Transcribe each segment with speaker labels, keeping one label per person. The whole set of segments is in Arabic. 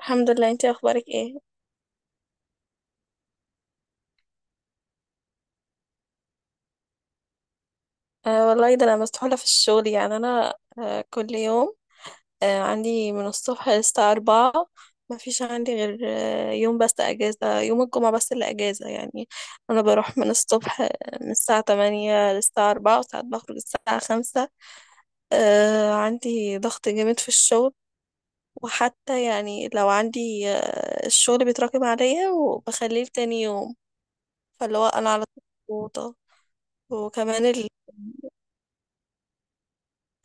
Speaker 1: الحمد لله، انتي اخبارك ايه؟ آه والله ده انا مسحولة في الشغل، يعني انا كل يوم. عندي من الصبح للساعة 4، ما فيش عندي غير يوم بس اجازة، يوم الجمعة بس اللي اجازة يعني. انا بروح من الصبح، من الساعة 8 للساعة 4، وساعات بخرج الساعة 5. عندي ضغط جامد في الشغل، وحتى يعني لو عندي الشغل بيتراكم عليا وبخليه لتاني يوم. فاللي هو انا على طول مضغوطة. وكمان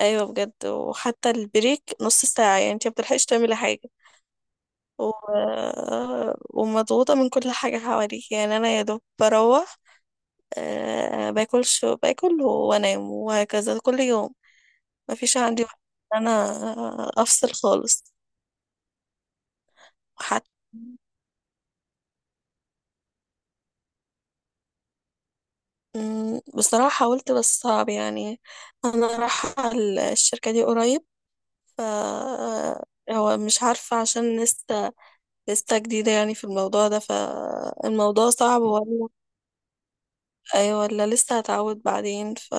Speaker 1: ايوه بجد، وحتى البريك نص ساعة، يعني انت مبتلحقيش تعملي حاجة. و... ومضغوطة من كل حاجة حواليك، يعني انا يا دوب بروح. باكل وانام وهكذا كل يوم. مفيش عندي وقت إن انا افصل خالص. حتى بصراحة حاولت بس صعب يعني. أنا رايحة، الشركة دي قريب، ف هو مش عارفة عشان لسه جديدة يعني في الموضوع ده، فالموضوع صعب. ايوه، ولا لسه هتعود بعدين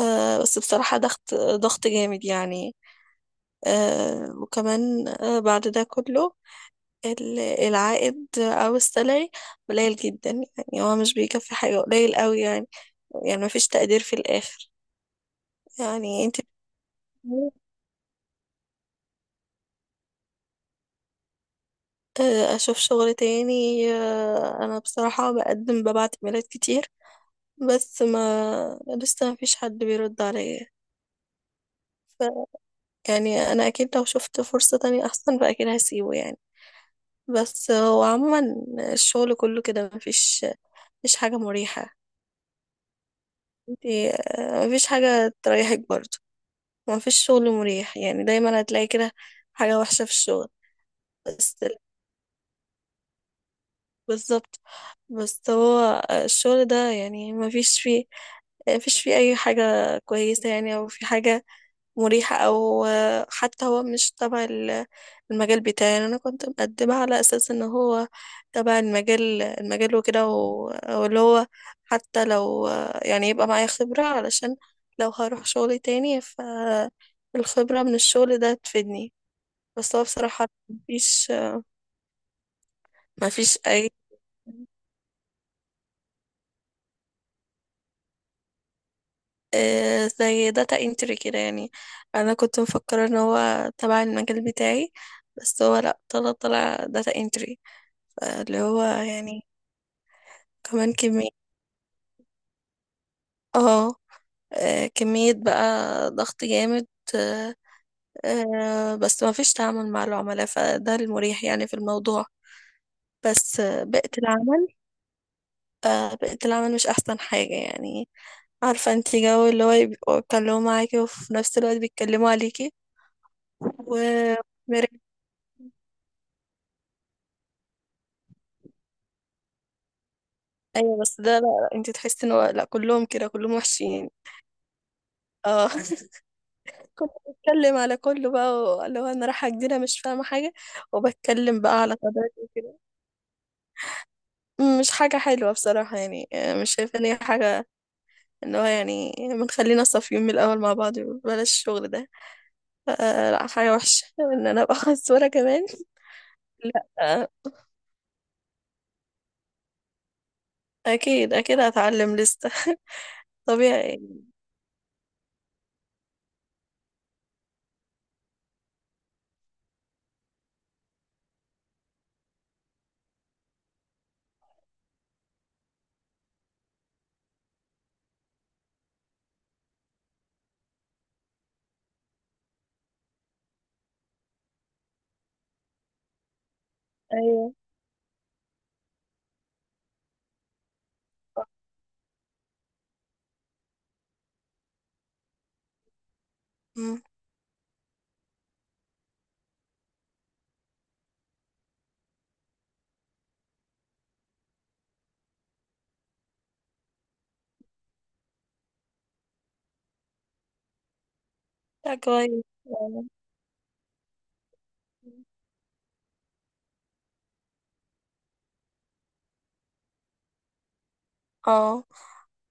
Speaker 1: بس بصراحة ضغط ضغط جامد يعني. وكمان بعد ده كله العائد او السالري قليل جدا، يعني هو مش بيكفي حاجة، قليل قوي يعني، يعني مفيش تقدير في الاخر. يعني انت بتقولي، اشوف شغل تاني. انا بصراحة بقدم، ببعت ايميلات كتير، بس ما لسه مفيش حد بيرد عليا. ف- يعني انا اكيد لو شفت فرصة تانية احسن فاكيد هسيبه يعني. بس هو عموما الشغل كله كده، مفيش حاجة مريحة. انتي مفيش حاجة تريحك برضه، مفيش شغل مريح، يعني دايما هتلاقي كده حاجة وحشة في الشغل. بس. بالظبط. بس هو الشغل ده يعني مفيش فيه أي حاجة كويسة يعني، أو في حاجة مريحة، أو حتى هو مش تبع المجال بتاعي. يعني أنا كنت مقدمة على أساس إن هو تبع المجال، وكده، واللي هو حتى لو، يعني يبقى معايا خبرة علشان لو هروح شغل تاني، فالخبرة من الشغل ده تفيدني. بس هو بصراحة مفيش أي، زي داتا انتري كده يعني. انا كنت مفكره ان هو تبع المجال بتاعي، بس هو لا، طلع داتا انتري، اللي هو يعني كمان كمية. اه كمية بقى، ضغط جامد. آه، بس ما فيش تعامل مع العملاء، فده المريح يعني في الموضوع. بس بيئة العمل، مش أحسن حاجة يعني. عارفة انتي جو اللي هو يبقوا يتكلموا معاكي وفي نفس الوقت بيتكلموا عليكي و مريح. أيوة بس ده لا لا، انتي تحسي ان هو لا، كلهم كده كلهم وحشين. اه كنت بتكلم على كله بقى، اللي هو انا رايحه جديده مش فاهمه حاجه، وبتكلم بقى على قدراتي وكده. مش حاجه حلوه بصراحه يعني. مش شايفه ان هي حاجه، ان هو يعني ما نخلينا صافيين من الاول مع بعض، بلاش الشغل ده، آه لا، حاجه وحشه ان انا ابقى خسوره كمان. لا آه. اكيد اكيد هتعلم لسه طبيعي. ايوه. مم. لا كويس. اه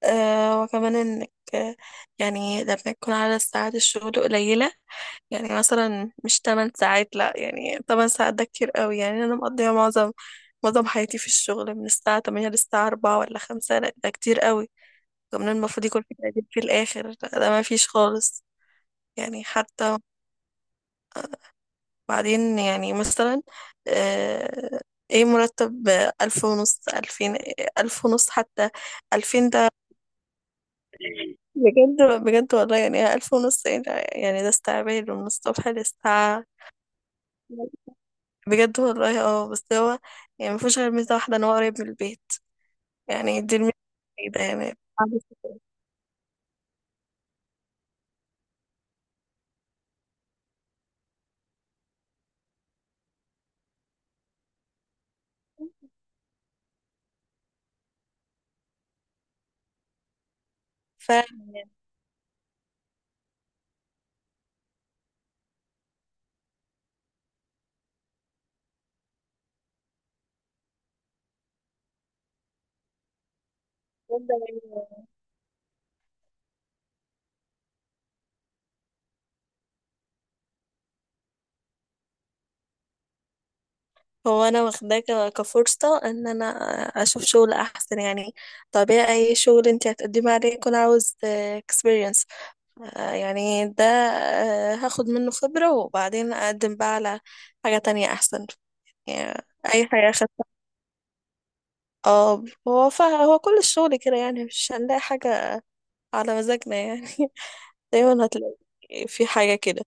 Speaker 1: وكمان انك يعني لما يكون على ساعات الشغل قليلة، يعني مثلا مش 8 ساعات، لا يعني 8 ساعات ده كتير قوي، يعني انا مقضيها معظم حياتي في الشغل من الساعة 8 للساعة 4 ولا 5، لا ده كتير قوي. كمان المفروض يكون في تقدير في الاخر، لا ده ما فيش خالص. يعني حتى بعدين يعني مثلا، آه، ايه مرتب؟ 1500، 2000، 1500 حتى، 2000 ده بجد؟ بجد والله، يعني 1500، ايه ده؟ يعني ده استعباد من الصبح للساعة. بجد والله. اه، بس هو يعني مفيهوش غير ميزة واحدة ان هو قريب من البيت، يعني دي الميزة الوحيدة يعني. فبجد، هو انا واخداه كفرصة ان انا اشوف شغل احسن يعني. طبيعي اي شغل انت هتقدمي عليه يكون عاوز اكسبيرينس، يعني ده هاخد منه خبرة وبعدين اقدم بقى على حاجة تانية احسن يعني، اي حاجة خدتها. اه، هو كل الشغل كده، يعني مش هنلاقي حاجة على مزاجنا يعني، دايما هتلاقي في حاجة كده.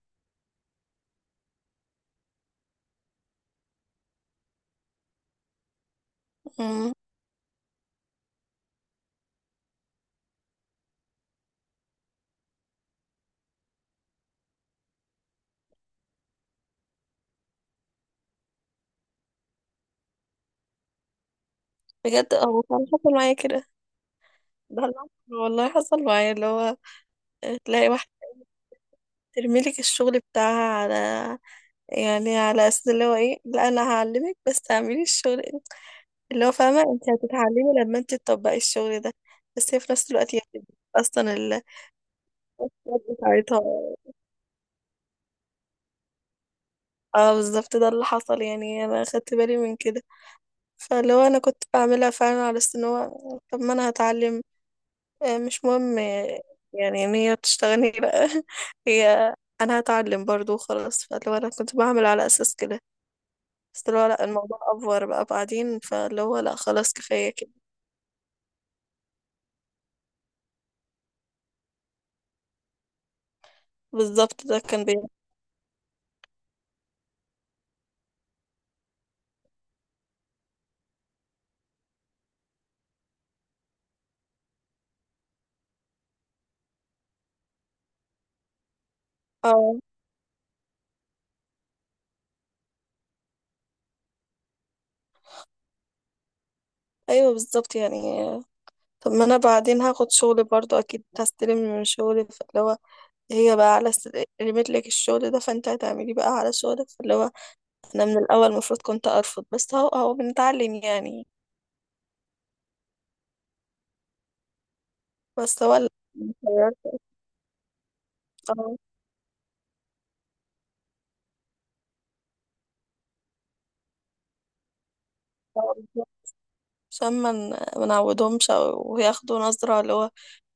Speaker 1: مم. بجد هو كان حصل معايا كده، ده والله حصل معايا، اللي هو تلاقي واحد ترميلك الشغل بتاعها على، يعني على اساس اللي هو ايه، لا انا هعلمك بس تعملي الشغل، اللي هو فاهمة، انت هتتعلمي لما انت تطبقي الشغل ده. بس هي في نفس الوقت يعني اصلا بتاعتها. اه بالظبط ده اللي حصل، يعني انا خدت بالي من كده. فاللي هو انا كنت بعملها فعلا على اساس ان هو، طب ما انا هتعلم، مش مهم، يعني ان هي تشتغلني، لا هي انا هتعلم برضو وخلاص، فاللي هو انا كنت بعمل على اساس كده. بس اللي هو لا، الموضوع افور بقى بعدين، فاللي هو لا خلاص، كفايه كده. بالظبط ده كان بي. اه ايوه بالظبط يعني، طب ما انا بعدين هاخد شغل برضو اكيد هستلم من شغلي، فاللي هو هي بقى على رميت لك الشغل ده، فانت هتعملي بقى على شغلك. فاللي هو انا من الاول المفروض كنت ارفض، بس هو بنتعلم يعني. بس هو لا، اتغيرت. اه آه، عشان ما نعودهمش او ياخدوا نظرة اللي هو،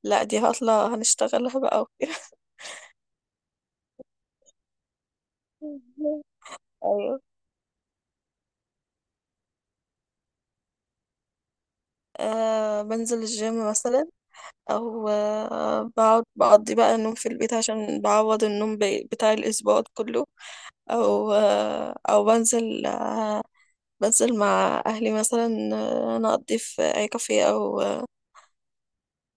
Speaker 1: لا دي هطلع هنشتغلها بقى وكده ايوه. أه بنزل الجيم مثلا، او بقعد بقضي بقى النوم في البيت عشان بعوض النوم بتاع الاسبوع كله، او بنزل مع اهلي مثلا، نقضي في اي كافيه او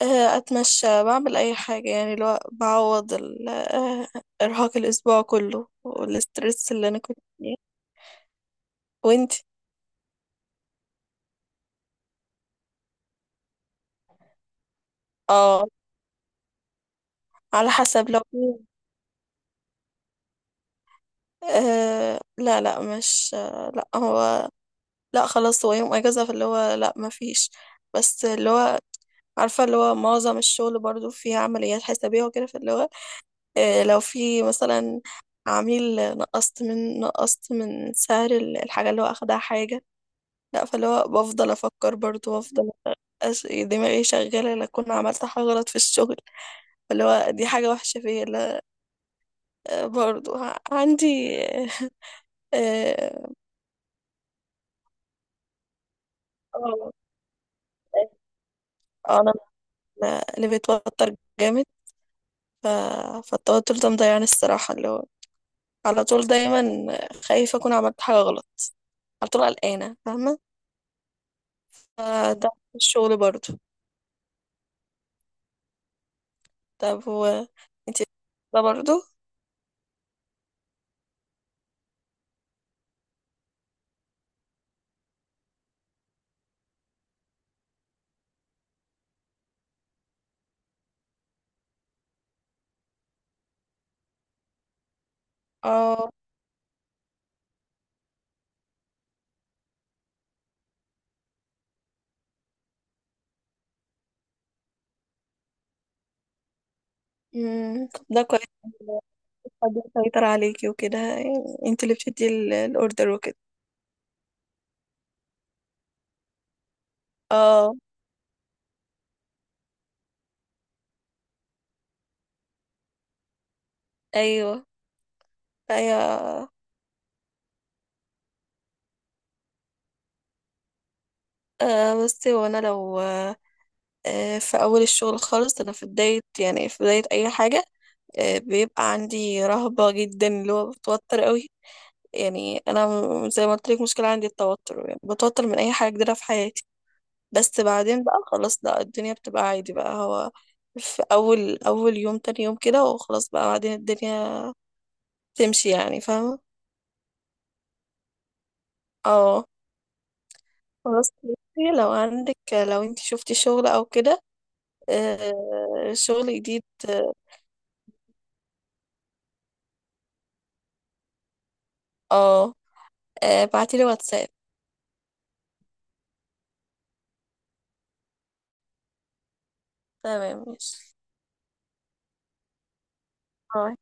Speaker 1: أتمشى، بعمل أي حاجة يعني اللي هو بعوض إرهاق الأسبوع كله والسترس اللي أنا كنت فيه. وانتي؟ اه على حسب، لو لا لا، مش لا، هو لا خلاص، هو يوم اجازه فاللي هو لا ما فيش. بس اللي هو عارفه اللي هو معظم الشغل برضو فيه عمليات حسابيه وكده، فاللي هو لو في مثلا عميل نقصت من، سعر الحاجه اللي هو اخدها حاجه، لا، فاللي هو بفضل افكر برضو، وافضل دماغي شغاله، لا اكون عملت حاجه غلط في الشغل، فاللي هو دي حاجه وحشه فيا، لا. برضو عندي. اه آه، انا من اللي بيتوتر جامد، ف... فالتوتر ده مضيعني الصراحه، اللي هو على طول دايما خايفه اكون عملت حاجه غلط، على طول قلقانه، فاهمه؟ فده في الشغل برضو. طب هو، انت، ده برضو. اه طب ده كويس، حد يسيطر عليكي وكده، يعني انت اللي بتدي الاوردر وكده. اه. ايوه. ايوه. بصي، هو انا لو في اول الشغل خالص، انا في بدايه يعني في بدايه اي حاجه، بيبقى عندي رهبه جدا اللي هو بتوتر قوي، يعني انا زي ما قلت لك، مشكله عندي التوتر، يعني بتوتر من اي حاجه جديده في حياتي. بس بعدين بقى خلاص لا، الدنيا بتبقى عادي بقى، هو في اول اول يوم تاني يوم كده، وخلاص بقى بعدين الدنيا تمشي يعني، فاهمه. اه. خلاص بصي، لو انت شفتي شغل او كده، شغل جديد، اه ابعتي لي واتساب. تمام ماشي. باي.